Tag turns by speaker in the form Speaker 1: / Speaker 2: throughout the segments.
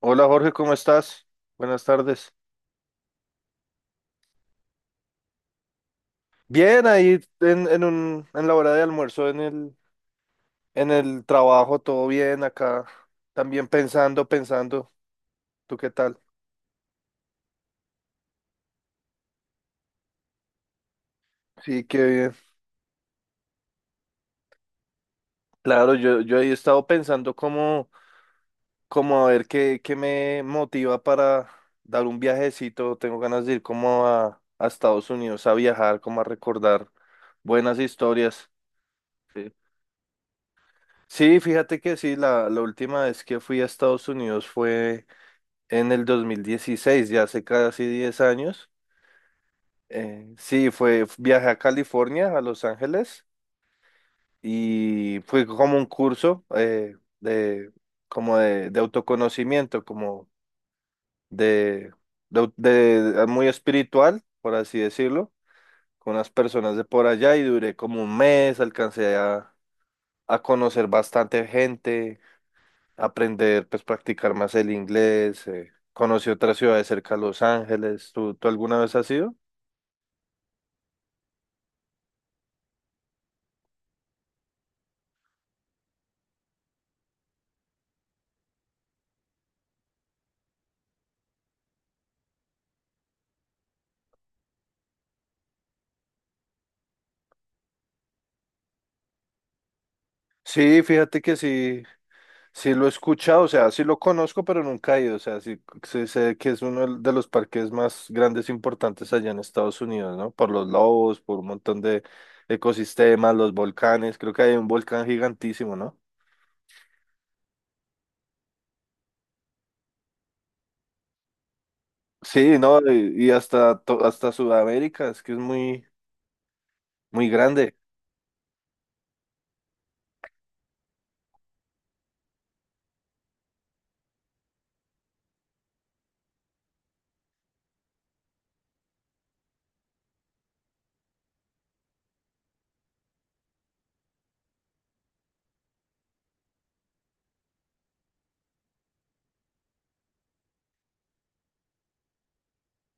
Speaker 1: Hola Jorge, ¿cómo estás? Buenas tardes. Bien, ahí en la hora de almuerzo, en el trabajo, todo bien acá. También pensando. ¿Tú qué tal? Sí, qué bien. Claro, yo he estado cómo a ver qué me motiva para dar un viajecito. Tengo ganas de ir como a Estados Unidos a viajar, como a recordar buenas historias. Sí, sí, fíjate que sí, la última vez que fui a Estados Unidos fue en el 2016, ya hace casi 10 años. Sí, fue, viajé a California, a Los Ángeles, y fue como un curso de, de autoconocimiento, de, muy espiritual, por así decirlo, con unas personas de por allá y duré como un mes, alcancé a conocer bastante gente, aprender, pues practicar más el inglés, conocí otras ciudades cerca a Los Ángeles. Tú alguna vez has ido? Sí, fíjate que sí, sí lo he escuchado, o sea, sí lo conozco, pero nunca he ido, o sea, sí, sí sé que es uno de los parques más grandes e importantes allá en Estados Unidos, ¿no? Por los lobos, por un montón de ecosistemas, los volcanes, creo que hay un volcán gigantísimo, ¿no? Sí, no, y hasta, hasta Sudamérica, es que es muy grande.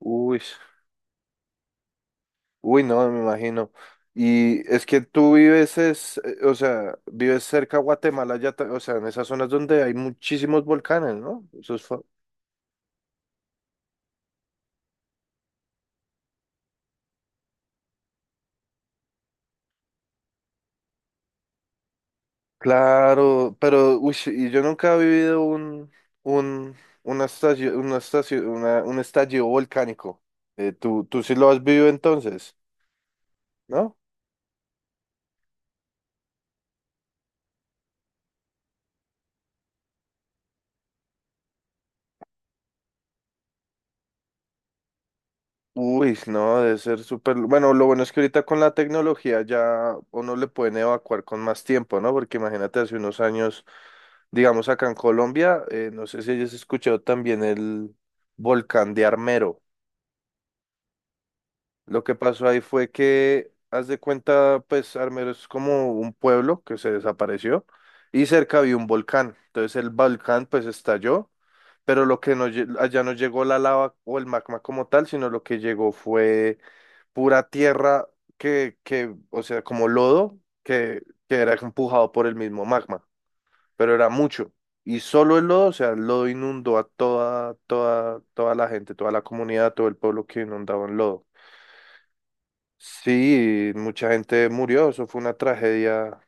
Speaker 1: Uy. Uy, no, me imagino. Y es que tú vives, es, o sea, vives cerca a Guatemala, ya, o sea, en esas zonas donde hay muchísimos volcanes, ¿no? Eso es fa-. Claro, pero, uy, y yo nunca he vivido un, una una estación, un estallido volcánico. Tú sí lo has vivido entonces, ¿no? Uy, no, debe ser súper. Bueno, lo bueno es que ahorita con la tecnología ya uno le pueden evacuar con más tiempo, ¿no? Porque imagínate, hace unos años, digamos acá en Colombia, no sé si hayas escuchado también el volcán de Armero. Lo que pasó ahí fue que, haz de cuenta, pues Armero es como un pueblo que se desapareció y cerca había un volcán. Entonces el volcán pues estalló, pero lo que no, allá no llegó la lava o el magma como tal, sino lo que llegó fue pura tierra o sea, como lodo que era empujado por el mismo magma, pero era mucho. Y solo el lodo, o sea, el lodo inundó a toda la gente, toda la comunidad, todo el pueblo que inundaba en lodo. Sí, mucha gente murió, eso fue una tragedia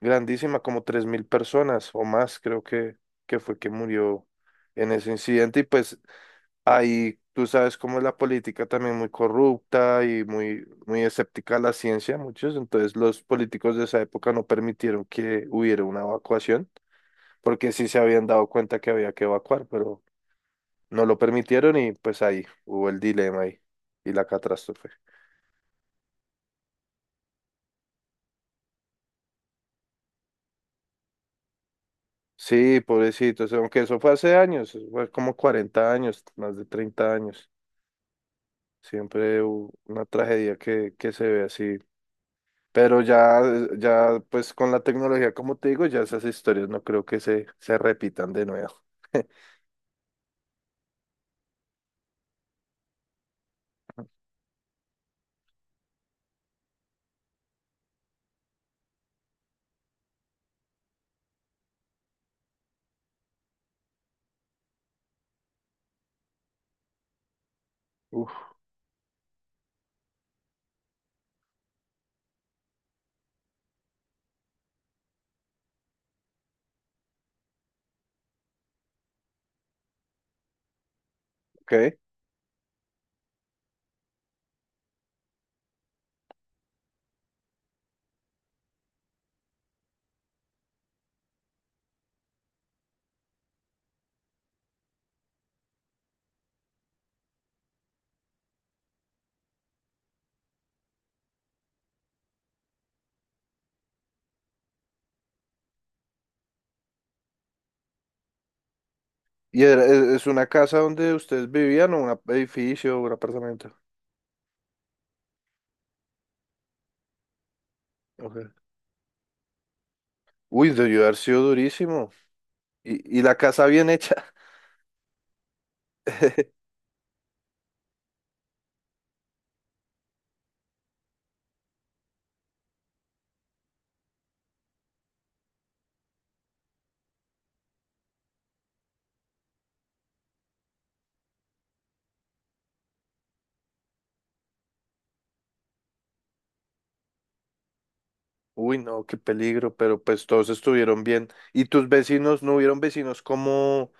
Speaker 1: grandísima, como 3000 personas o más creo que fue que murió en ese incidente y pues ahí tú sabes cómo es la política también muy corrupta y muy escéptica a la ciencia, muchos. Entonces los políticos de esa época no permitieron que hubiera una evacuación, porque sí se habían dado cuenta que había que evacuar, pero no lo permitieron y pues ahí hubo el dilema ahí y la catástrofe. Sí, pobrecitos, aunque eso fue hace años, eso fue como 40 años, más de 30 años. Siempre hubo una tragedia que se ve así. Pero ya, pues con la tecnología, como te digo, ya esas historias no creo que se repitan de nuevo. Uf, ok. ¿Y era- e- es una casa donde ustedes vivían o un edificio o un apartamento? Ok. Uy, debió haber sido durísimo. Y la casa bien hecha. Uy, no, qué peligro, pero pues todos estuvieron bien. ¿Y tus vecinos, no hubieron vecinos como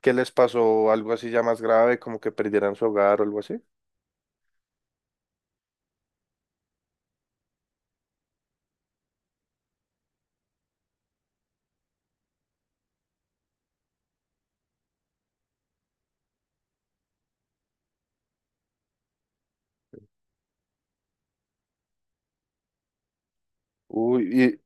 Speaker 1: que les pasó algo así ya más grave, como que perdieran su hogar o algo así? Uy,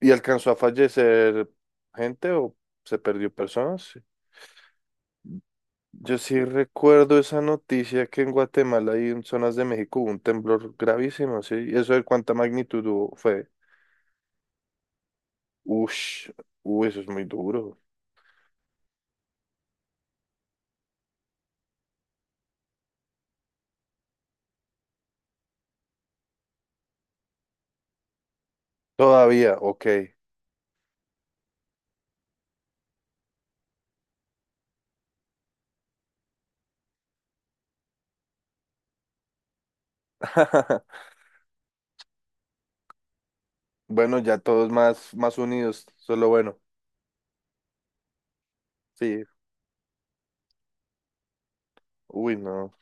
Speaker 1: ¿y alcanzó a fallecer gente o se perdió personas? Yo sí recuerdo esa noticia que en Guatemala y en zonas de México hubo un temblor gravísimo, ¿sí? ¿Y eso de cuánta magnitud hubo? Fue, uff, uy, eso es muy duro. Todavía, ok. Bueno, ya todos más unidos, solo bueno, sí, uy, no.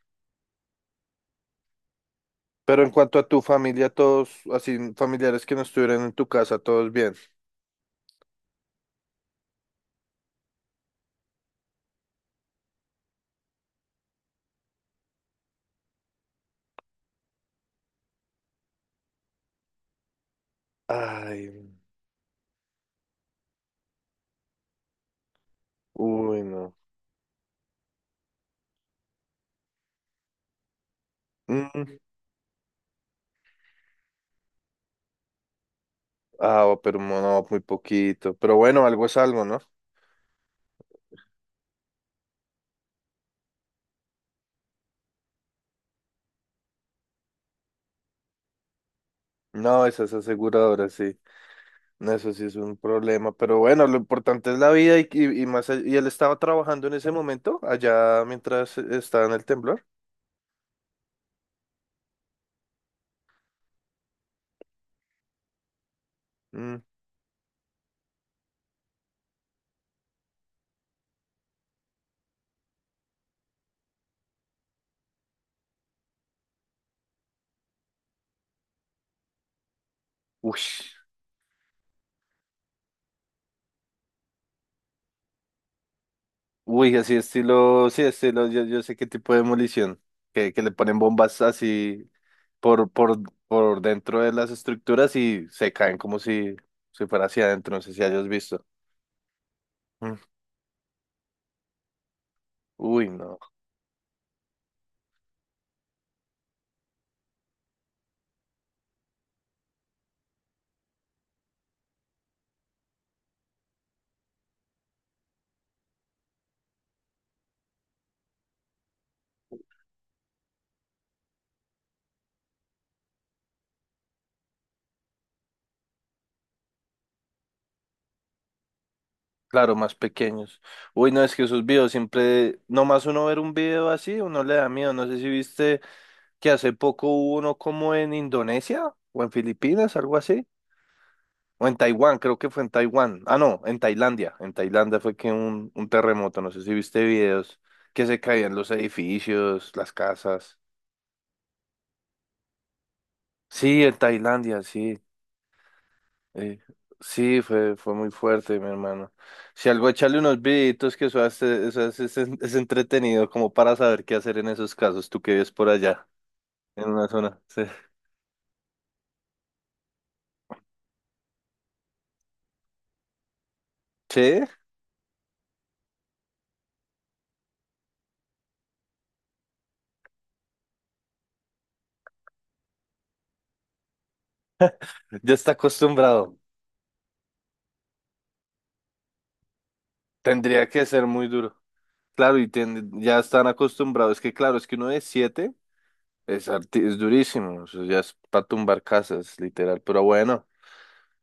Speaker 1: Pero en cuanto a tu familia, todos, así, familiares que no estuvieran en tu casa, todos bien. Ay, uy, no. Mm, ah, pero no, muy poquito. Pero bueno, algo es algo, ¿no? No, esas aseguradoras, sí. No, eso sí es un problema. Pero bueno, lo importante es la vida y más. Y él estaba trabajando en ese momento, allá mientras estaba en el temblor. Mm. Uy, uy, así estilo, sí, estilo, yo sé qué tipo de demolición. Que le ponen bombas así por, por, por dentro de las estructuras y se caen como si, si fuera hacia adentro. No sé si hayas visto. Mm. Uy, no. Claro, más pequeños. Uy, no, es que esos videos siempre, nomás uno ver un video así, uno le da miedo. No sé si viste que hace poco hubo uno como en Indonesia o en Filipinas, algo así. O en Taiwán, creo que fue en Taiwán. Ah, no, en Tailandia. En Tailandia fue que un terremoto, no sé si viste videos que se caían los edificios, las casas. Sí, en Tailandia, sí. Eh, sí, fue muy fuerte, mi hermano. Si algo, echarle unos videitos que eso es entretenido como para saber qué hacer en esos casos, tú que vives por allá, en una zona. Sí, sí, ya está acostumbrado. Tendría que ser muy duro. Claro, y ya están acostumbrados. Es que claro, es que uno de siete es, es durísimo. Eso ya es para tumbar casas, literal. Pero bueno,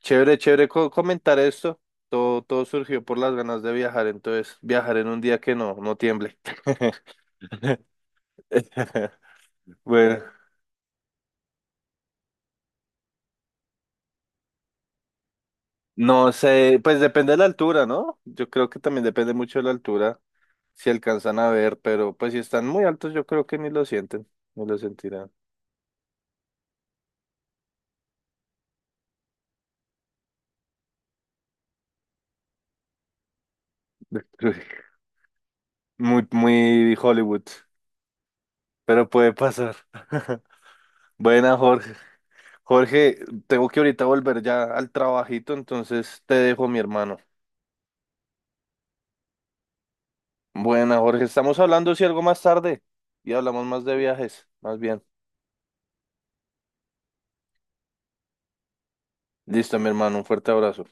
Speaker 1: comentar esto. Todo surgió por las ganas de viajar, entonces viajar en un día que no tiemble. Bueno, no sé, pues depende de la altura, ¿no? Yo creo que también depende mucho de la altura, si alcanzan a ver, pero pues si están muy altos, yo creo que ni lo sienten, no lo sentirán. Muy, muy Hollywood, pero puede pasar. Buena, Jorge. Jorge, tengo que ahorita volver ya al trabajito, entonces te dejo, mi hermano. Buena, Jorge, estamos hablando si algo más tarde y hablamos más de viajes, más bien. Listo, mi hermano, un fuerte abrazo.